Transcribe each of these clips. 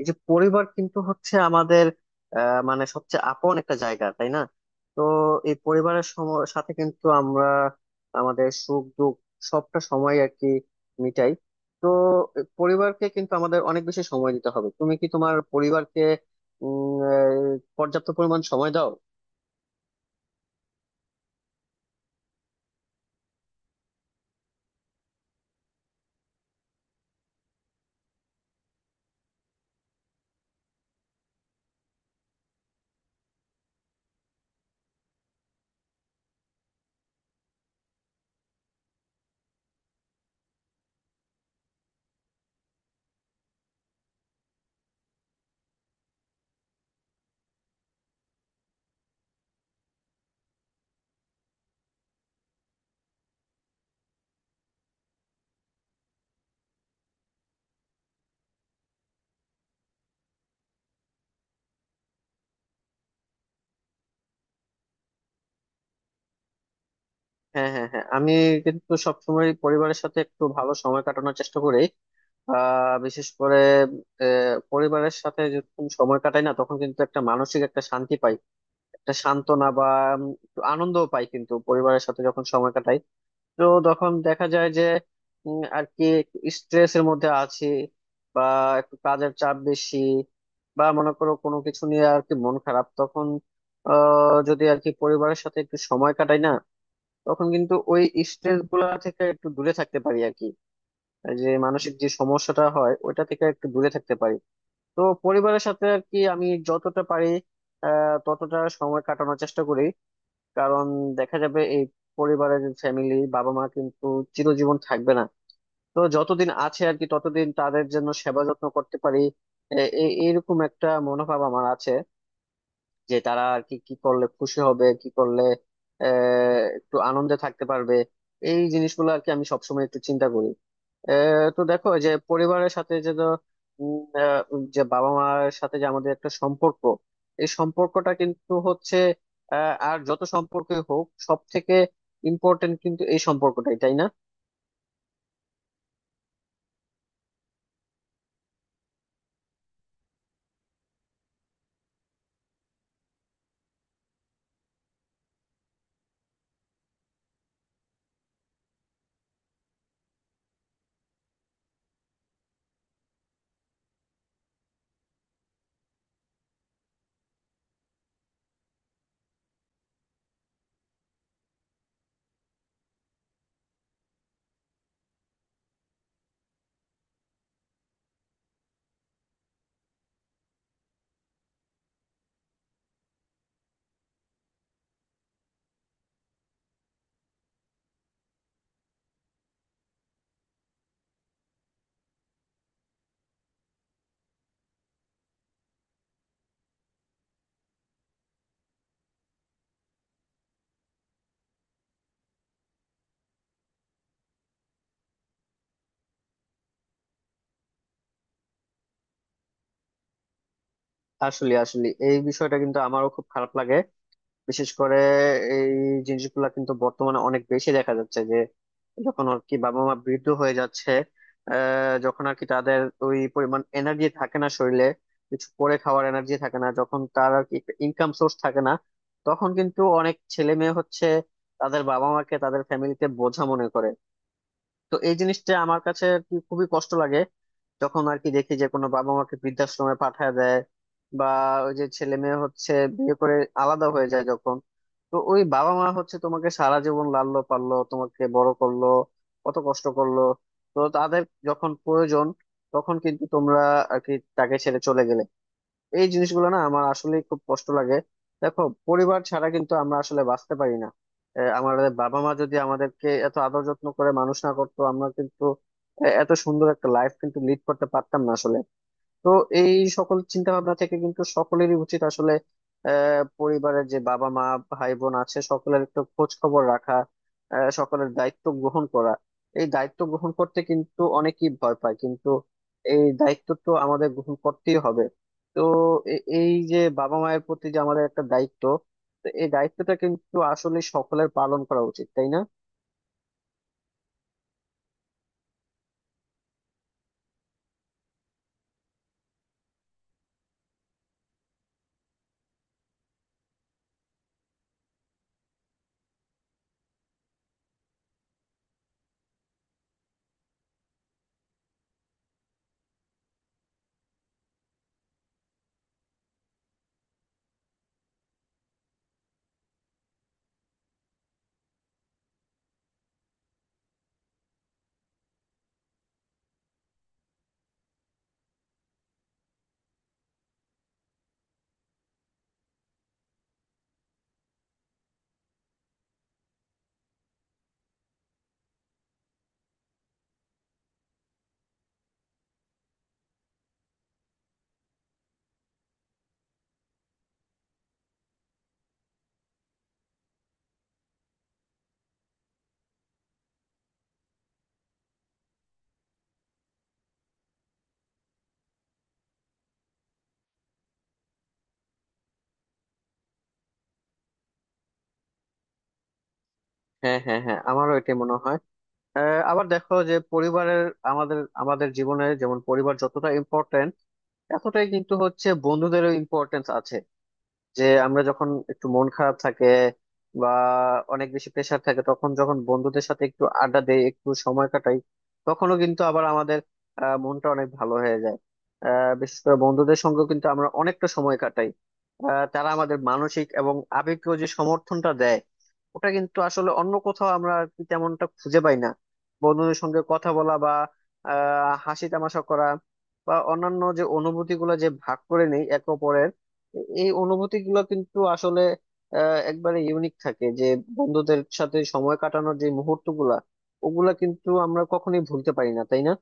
এই যে পরিবার কিন্তু হচ্ছে আমাদের মানে সবচেয়ে আপন একটা জায়গা, তাই না? তো এই পরিবারের সাথে কিন্তু আমরা আমাদের সুখ দুঃখ সবটা সময় আর কি মিটাই। তো পরিবারকে কিন্তু আমাদের অনেক বেশি সময় দিতে হবে। তুমি কি তোমার পরিবারকে পর্যাপ্ত পরিমাণ সময় দাও? হ্যাঁ, হ্যাঁ, হ্যাঁ, আমি কিন্তু সবসময় পরিবারের সাথে একটু ভালো সময় কাটানোর চেষ্টা করি। আহ, বিশেষ করে পরিবারের সাথে যখন সময় কাটাই না তখন কিন্তু একটা মানসিক একটা শান্তি পাই, একটা সান্ত্বনা বা উম আনন্দও পাই কিন্তু পরিবারের সাথে যখন সময় কাটাই। তো তখন দেখা যায় যে আর কি স্ট্রেস এর মধ্যে আছি বা একটু কাজের চাপ বেশি বা মনে করো কোনো কিছু নিয়ে আর কি মন খারাপ, তখন যদি আর কি পরিবারের সাথে একটু সময় কাটাই না তখন কিন্তু ওই স্ট্রেস গুলা থেকে একটু দূরে থাকতে পারি আর কি। আর যে মানসিক যে সমস্যাটা হয় ওইটা থেকে একটু দূরে থাকতে পারি। তো পরিবারের সাথে আর কি আমি যতটা পারি আহ, ততটা সময় কাটানোর চেষ্টা করি। কারণ দেখা যাবে এই পরিবারের যে ফ্যামিলি, বাবা মা কিন্তু চিরজীবন থাকবে না। তো যতদিন আছে আর কি ততদিন তাদের জন্য সেবা যত্ন করতে পারি। এইরকম একটা মনোভাব আমার আছে যে তারা আর কি কি করলে খুশি হবে, কি করলে আহ, একটু আনন্দে থাকতে পারবে। এই জিনিসগুলো আর কি আমি সবসময় একটু চিন্তা করি। আহ, তো দেখো যে পরিবারের সাথে যে উম, আহ, যে বাবা মার সাথে যে আমাদের একটা সম্পর্ক, এই সম্পর্কটা কিন্তু হচ্ছে আহ, আর যত সম্পর্কই হোক সব থেকে ইম্পর্টেন্ট কিন্তু এই সম্পর্কটাই, তাই না? আসলে আসলে এই বিষয়টা কিন্তু আমারও খুব খারাপ লাগে। বিশেষ করে এই জিনিসগুলা কিন্তু বর্তমানে অনেক বেশি দেখা যাচ্ছে যে যখন আর কি বাবা মা বৃদ্ধ হয়ে যাচ্ছে, আহ, যখন আর কি তাদের ওই পরিমাণ এনার্জি থাকে না শরীরে, কিছু করে খাওয়ার এনার্জি থাকে না, যখন তার আর কি ইনকাম সোর্স থাকে না, তখন কিন্তু অনেক ছেলে মেয়ে হচ্ছে তাদের বাবা মাকে তাদের ফ্যামিলিতে বোঝা মনে করে। তো এই জিনিসটা আমার কাছে আর কি খুবই কষ্ট লাগে যখন আর কি দেখি যে কোনো বাবা মাকে বৃদ্ধাশ্রমে পাঠায় দেয় বা ওই যে ছেলে মেয়ে হচ্ছে বিয়ে করে আলাদা হয়ে যায় যখন। তো ওই বাবা মা হচ্ছে তোমাকে সারা জীবন লাললো পাললো, তোমাকে বড় করলো, কত কষ্ট করলো। তো তাদের যখন প্রয়োজন তখন কিন্তু তোমরা আর কি তাকে ছেড়ে চলে গেলে। এই জিনিসগুলো না আমার আসলে খুব কষ্ট লাগে। দেখো, পরিবার ছাড়া কিন্তু আমরা আসলে বাঁচতে পারি না। আহ, আমাদের বাবা মা যদি আমাদেরকে এত আদর যত্ন করে মানুষ না করতো, আমরা কিন্তু আহ, এত সুন্দর একটা লাইফ কিন্তু লিড করতে পারতাম না আসলে। তো এই সকল চিন্তা ভাবনা থেকে কিন্তু সকলেরই উচিত আসলে আহ, পরিবারের যে বাবা মা, ভাই বোন আছে সকলের একটু খোঁজ খবর রাখা, আহ, সকলের দায়িত্ব গ্রহণ করা। এই দায়িত্ব গ্রহণ করতে কিন্তু অনেকেই ভয় পায় কিন্তু এই দায়িত্ব তো আমাদের গ্রহণ করতেই হবে। তো এই যে বাবা মায়ের প্রতি যে আমাদের একটা দায়িত্ব, তো এই দায়িত্বটা কিন্তু আসলে সকলের পালন করা উচিত, তাই না? হ্যাঁ, হ্যাঁ, হ্যাঁ, আমারও এটাই মনে হয়। আহ, আবার দেখো যে পরিবারের আমাদের আমাদের জীবনে যেমন পরিবার যতটা ইম্পর্টেন্ট, এতটাই কিন্তু হচ্ছে বন্ধুদেরও ইম্পর্টেন্স আছে। যে আমরা যখন একটু মন খারাপ থাকে বা অনেক বেশি প্রেশার থাকে তখন যখন বন্ধুদের সাথে একটু আড্ডা দেই, একটু সময় কাটাই, তখনও কিন্তু আবার আমাদের আহ, মনটা অনেক ভালো হয়ে যায়। আহ, বিশেষ করে বন্ধুদের সঙ্গেও কিন্তু আমরা অনেকটা সময় কাটাই। আহ, তারা আমাদের মানসিক এবং আবেগীয় যে সমর্থনটা দেয় ওটা কিন্তু আসলে অন্য কোথাও আমরা আর কি তেমনটা খুঁজে পাই না। বন্ধুদের সঙ্গে কথা বলা বা আহ, হাসি তামাশা করা বা অন্যান্য যে অনুভূতিগুলো যে ভাগ করে নেই একে অপরের, এই অনুভূতি গুলো কিন্তু আসলে আহ, একবারে ইউনিক থাকে। যে বন্ধুদের সাথে সময় কাটানোর যে মুহূর্ত গুলা, ওগুলা কিন্তু আমরা কখনোই ভুলতে পারি না, তাই না?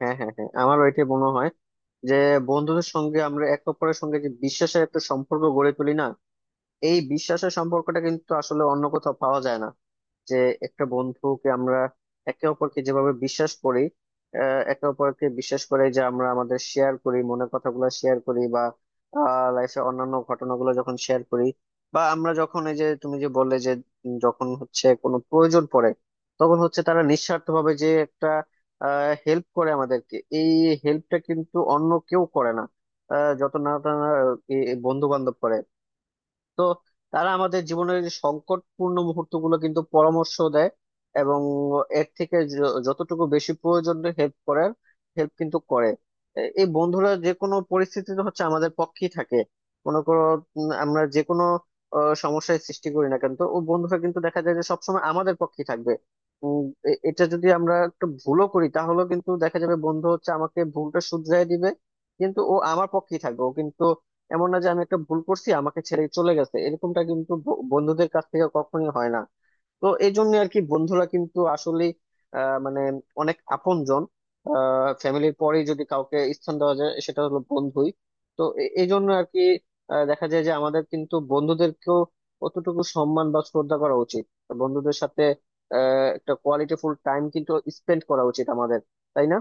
হ্যাঁ, হ্যাঁ, হ্যাঁ, আমার ওইটাই মনে হয়। যে বন্ধুদের সঙ্গে আমরা একে অপরের সঙ্গে যে বিশ্বাসের একটা সম্পর্ক গড়ে তুলি না, এই বিশ্বাসের সম্পর্কটা কিন্তু আসলে অন্য কোথাও পাওয়া যায় না। যে একটা বন্ধুকে আমরা একে অপরকে যেভাবে বিশ্বাস করি, আহ, একে অপরকে বিশ্বাস করে যে আমরা আমাদের শেয়ার করি, মনের কথাগুলো শেয়ার করি বা লাইফে অন্যান্য ঘটনাগুলো যখন শেয়ার করি, বা আমরা যখন এই যে তুমি যে বললে যে যখন হচ্ছে কোনো প্রয়োজন পড়ে তখন হচ্ছে তারা নিঃস্বার্থভাবে যে একটা হেল্প করে আমাদেরকে। এই হেল্পটা কিন্তু অন্য কেউ করে না আহ, যত না তারা বন্ধু বান্ধব করে। তো তারা আমাদের জীবনের যে সংকটপূর্ণ মুহূর্তগুলো কিন্তু পরামর্শ দেয় এবং এর থেকে যতটুকু বেশি প্রয়োজন হেল্প করার, হেল্প কিন্তু করে। এই বন্ধুরা যে কোনো পরিস্থিতিতে হচ্ছে আমাদের পক্ষেই থাকে। মনে করো আমরা যে কোনো আহ, সমস্যায় সৃষ্টি করি না কেন, তো ও বন্ধুরা কিন্তু দেখা যায় যে সবসময় আমাদের পক্ষেই থাকবে। উম, এটা যদি আমরা একটু ভুলও করি তাহলেও কিন্তু দেখা যাবে বন্ধু হচ্ছে আমাকে ভুলটা শুধরাই দিবে কিন্তু ও আমার পক্ষেই থাকবে। ও কিন্তু এমন না যে আমি একটা ভুল করছি আমাকে ছেড়ে চলে গেছে, এরকমটা কিন্তু বন্ধুদের কাছ থেকে কখনোই হয় না। তো এই জন্য আর কি বন্ধুরা কিন্তু আসলে আহ, মানে অনেক আপনজন। ফ্যামিলির পরেই যদি কাউকে স্থান দেওয়া যায় সেটা হলো বন্ধুই। তো এই জন্য আর কি আহ, দেখা যায় যে আমাদের কিন্তু বন্ধুদেরকেও কতটুকু সম্মান বা শ্রদ্ধা করা উচিত। বন্ধুদের সাথে আহ, একটা কোয়ালিটিফুল টাইম কিন্তু স্পেন্ড করা উচিত আমাদের, তাই না?